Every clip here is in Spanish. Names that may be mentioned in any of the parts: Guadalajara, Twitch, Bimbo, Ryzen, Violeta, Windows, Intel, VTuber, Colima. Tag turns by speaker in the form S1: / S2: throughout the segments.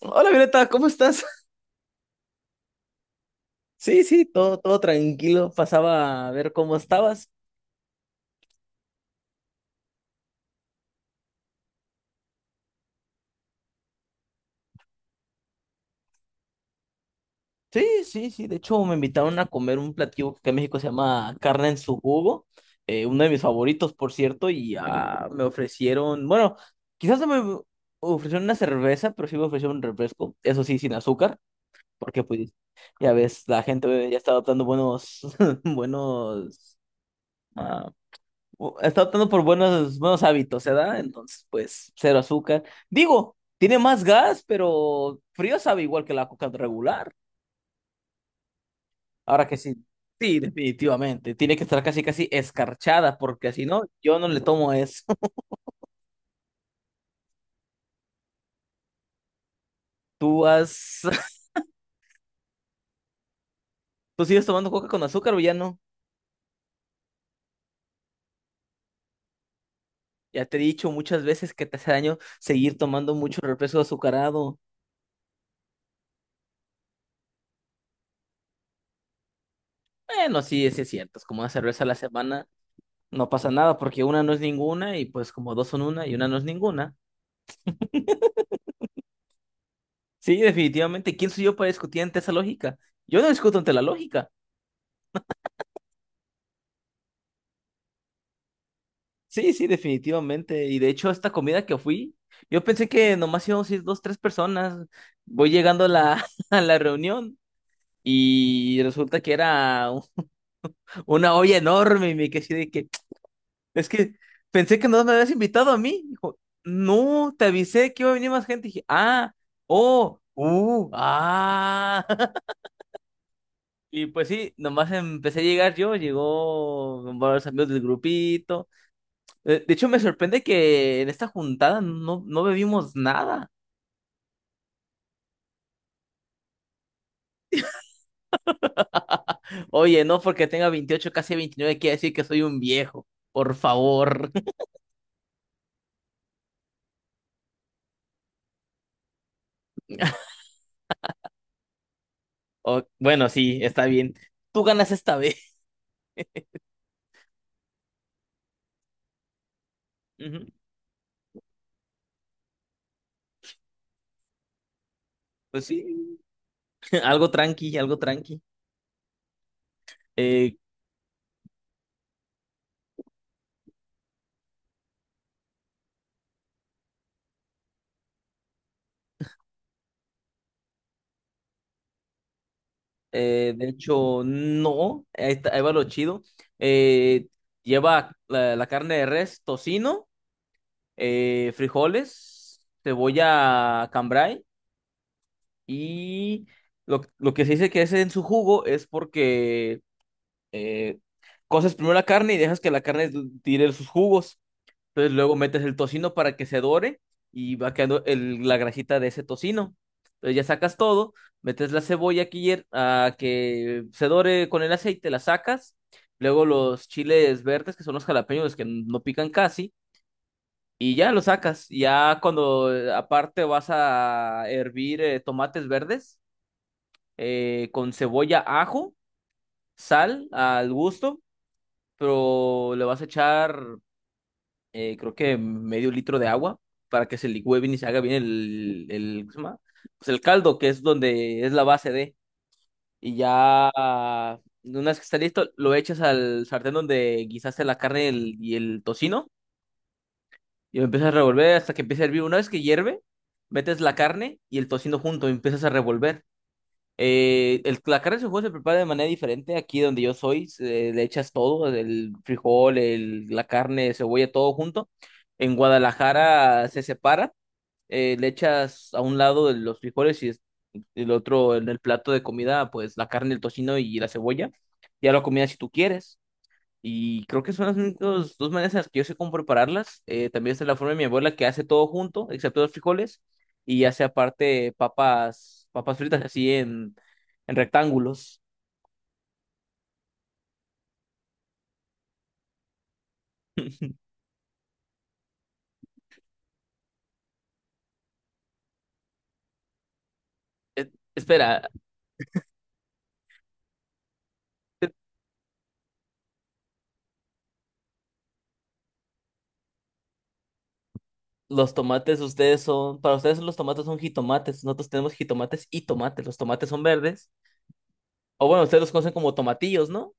S1: Hola Violeta, ¿cómo estás? Sí, sí, todo, todo tranquilo. Pasaba a ver cómo estabas. Sí, sí, sí. De hecho, me invitaron a comer un platillo que acá en México se llama carne en su jugo. Uno de mis favoritos, por cierto, y me ofrecieron, bueno, quizás no me ofrecieron una cerveza, pero sí me ofrecieron un refresco. Eso sí, sin azúcar, porque pues ya ves, la gente ya está adoptando buenos, buenos ah, está optando por buenos, buenos hábitos, ¿verdad? Entonces, pues, cero azúcar. Digo, tiene más gas, pero frío sabe igual que la coca regular. Ahora que sí, sí, definitivamente. Tiene que estar casi, casi escarchada, porque si no, yo no le tomo eso. ¿Tú has, ¿Tú sigues tomando coca con azúcar o ya no? Ya te he dicho muchas veces que te hace daño seguir tomando mucho refresco azucarado. Bueno, sí, sí es cierto. Es como una cerveza a la semana. No pasa nada porque una no es ninguna y pues como dos son una y una no es ninguna. Sí, definitivamente. ¿Quién soy yo para discutir ante esa lógica? Yo no discuto ante la lógica. Sí, sí, definitivamente. Y de hecho, esta comida que fui, yo pensé que nomás íbamos a ir dos, tres personas. Voy llegando a la, a la reunión y resulta que era una olla enorme y me quedé así de que, es que pensé que no me habías invitado a mí. Dijo, no, te avisé que iba a venir más gente. Dije, ah, oh, ah. Y pues sí, nomás empecé a llegar yo, llegó varios amigos del grupito. De hecho, me sorprende que en esta juntada no, no bebimos nada. Oye, no porque tenga 28 casi 29 quiere decir que soy un viejo. Por favor. Bueno, sí, está bien. Tú ganas esta vez. Ujú. Pues sí, algo tranqui, algo tranqui. Eh, de hecho, no, ahí, ahí va lo chido. Eh, Lleva la carne de res, tocino. Frijoles, cebolla cambray y lo que se dice que es en su jugo es porque eh, coces primero la carne y dejas que la carne tire sus jugos. Entonces luego metes el tocino para que se dore y va quedando la grasita de ese tocino. Entonces ya sacas todo, metes la cebolla que, a que se dore con el aceite, la sacas. Luego los chiles verdes, que son los jalapeños que no pican casi y ya lo sacas. Ya cuando aparte vas a hervir tomates verdes con cebolla, ajo, sal al gusto, pero le vas a echar creo que medio litro de agua para que se licúe bien y se haga bien el, ¿cómo se llama? Pues el caldo, que es donde es la base de. Y ya una vez que está listo, lo echas al sartén donde guisaste la carne y el tocino. Y lo empiezas a revolver hasta que empiece a hervir. Una vez que hierve, metes la carne y el tocino junto y empiezas a revolver. El, la carne de su juego se prepara de manera diferente. Aquí donde yo soy, le echas todo, el frijol, el, la carne, cebolla, todo junto. En Guadalajara se separa, le echas a un lado de los frijoles y el otro en el plato de comida, pues la carne, el tocino y la cebolla. Ya lo comida si tú quieres. Y creo que son las únicas dos maneras en las que yo sé cómo prepararlas. También está la forma de mi abuela que hace todo junto, excepto los frijoles, y hace aparte papas, papas fritas así en rectángulos. Espera, los tomates ustedes son, para ustedes los tomates son jitomates, nosotros tenemos jitomates y tomates, los tomates son verdes. O bueno, ustedes los conocen como tomatillos, ¿no?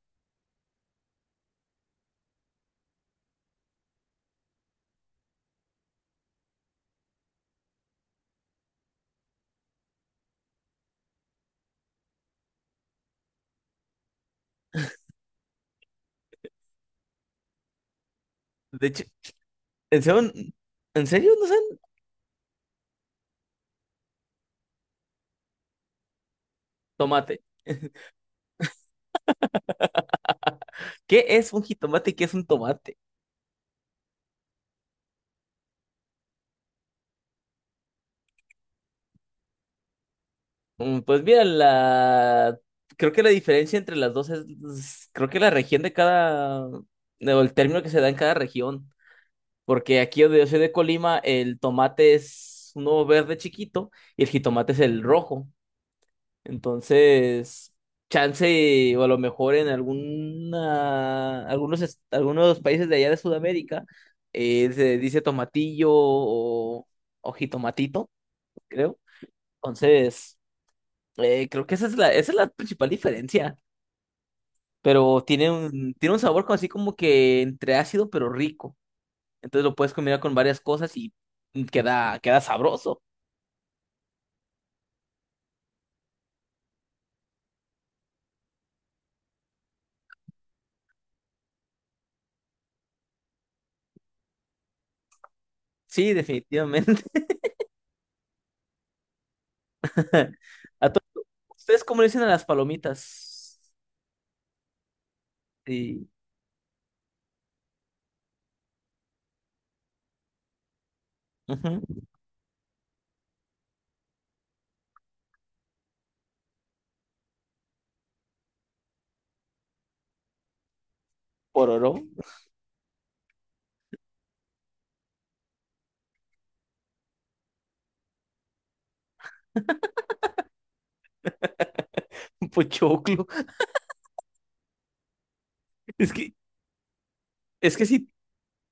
S1: De hecho, ¿en serio, en serio no saben tomate? ¿Qué es un jitomate y qué es un tomate? Mm, pues mira, la... Creo que la diferencia entre las dos es, creo que la región de cada, o el término que se da en cada región, porque aquí donde yo soy de Colima, el tomate es uno verde chiquito y el jitomate es el rojo. Entonces, chance o a lo mejor en alguna, algunos, algunos países de allá de Sudamérica se dice tomatillo o jitomatito, creo. Entonces... Creo que esa es la principal diferencia, pero tiene un sabor como así como que entre ácido pero rico. Entonces lo puedes combinar con varias cosas y queda, queda sabroso. Sí, definitivamente. ¿A to- ¿Ustedes cómo le dicen a las palomitas? Sí. Ujú. Pororó, pochoclo. Es que, es que sí.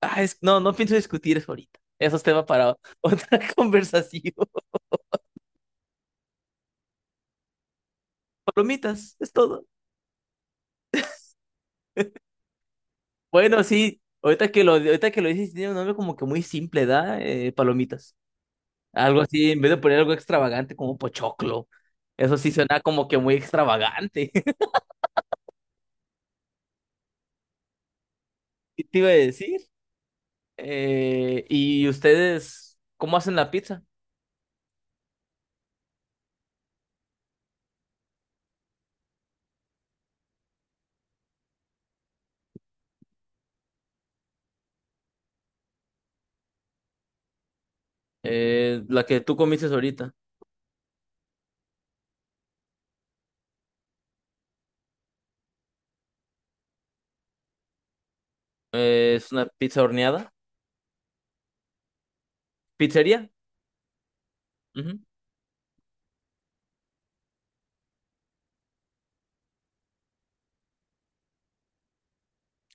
S1: Ah, no, no pienso discutir eso ahorita. Eso es tema para otra conversación. Palomitas, es todo. Bueno, sí, ahorita que lo dices, tiene un nombre como que muy simple, ¿da? Palomitas. Algo así, en vez de poner algo extravagante como pochoclo. Eso sí suena como que muy extravagante. ¿Qué te iba a decir? ¿Y ustedes cómo hacen la pizza? La que tú comiste ahorita. Es una pizza horneada. ¿Pizzería? Ujú.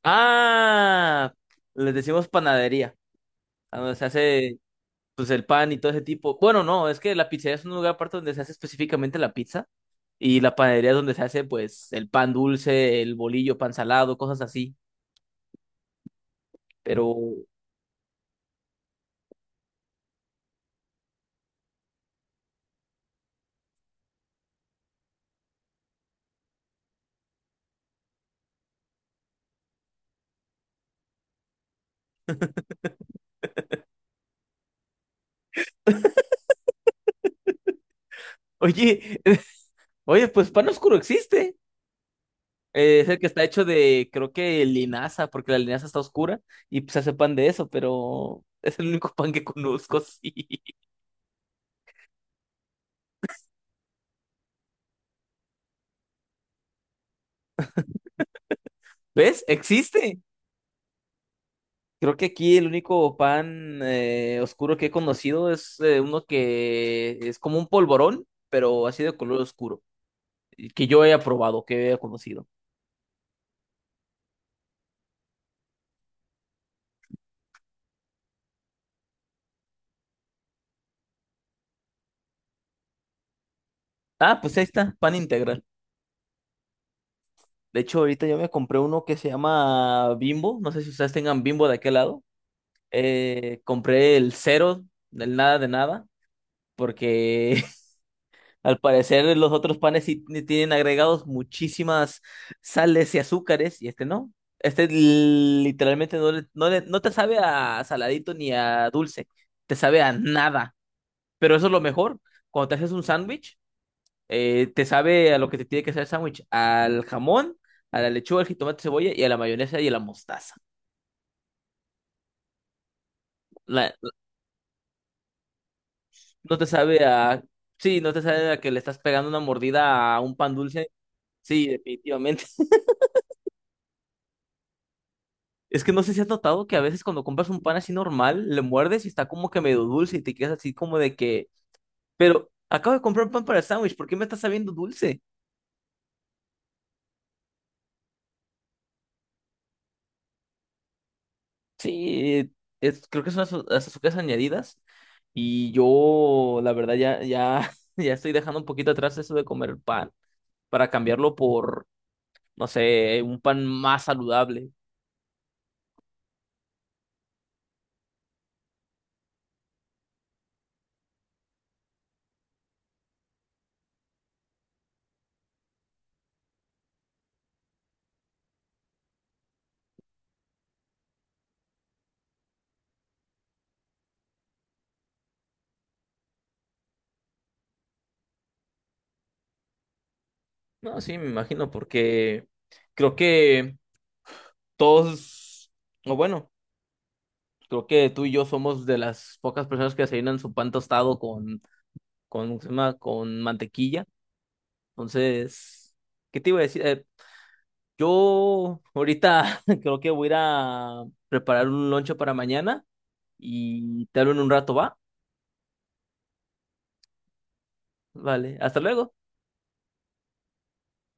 S1: Ah, les decimos panadería. A donde se hace pues el pan y todo ese tipo. Bueno, no, es que la pizzería es un lugar aparte donde se hace específicamente la pizza. Y la panadería es donde se hace, pues, el pan dulce, el bolillo, pan salado, cosas así. Pero, oye, oye, pues pan oscuro existe. Es el que está hecho de, creo que linaza, porque la linaza está oscura y pues, se hace pan de eso, pero es el único pan que conozco, sí. ¿Ves? Existe. Creo que aquí el único pan oscuro que he conocido es uno que es como un polvorón, pero así de color oscuro, y que yo haya probado, que haya conocido. Ah, pues ahí está, pan integral. De hecho, ahorita yo me compré uno que se llama Bimbo. No sé si ustedes tengan Bimbo de aquel lado. Compré el cero, del nada de nada, porque al parecer los otros panes sí tienen agregados muchísimas sales y azúcares, y este no. Este literalmente no, no, no te sabe a saladito ni a dulce, te sabe a nada. Pero eso es lo mejor. Cuando te haces un sándwich. Te sabe a lo que te tiene que saber el sándwich, al jamón, a la lechuga, al jitomate, cebolla y a la mayonesa y a la mostaza. La- no te sabe a... Sí, no te sabe a que le estás pegando una mordida a un pan dulce. Sí, definitivamente. Es que no sé si has notado que a veces cuando compras un pan así normal, le muerdes y está como que medio dulce y te quedas así como de que... Pero acabo de comprar un pan para el sándwich, ¿por qué me está sabiendo dulce? Sí, es, creo que son las las azúcares añadidas. Y yo, la verdad, ya, ya, ya estoy dejando un poquito atrás eso de comer pan para cambiarlo por, no sé, un pan más saludable. No, sí, me imagino, porque creo que todos, o bueno, creo que tú y yo somos de las pocas personas que desayunan su pan tostado con, ¿cómo se llama? Con mantequilla. Entonces, ¿qué te iba a decir? Yo ahorita creo que voy a ir a preparar un lonche para mañana y te hablo en un rato, ¿va? Vale, hasta luego.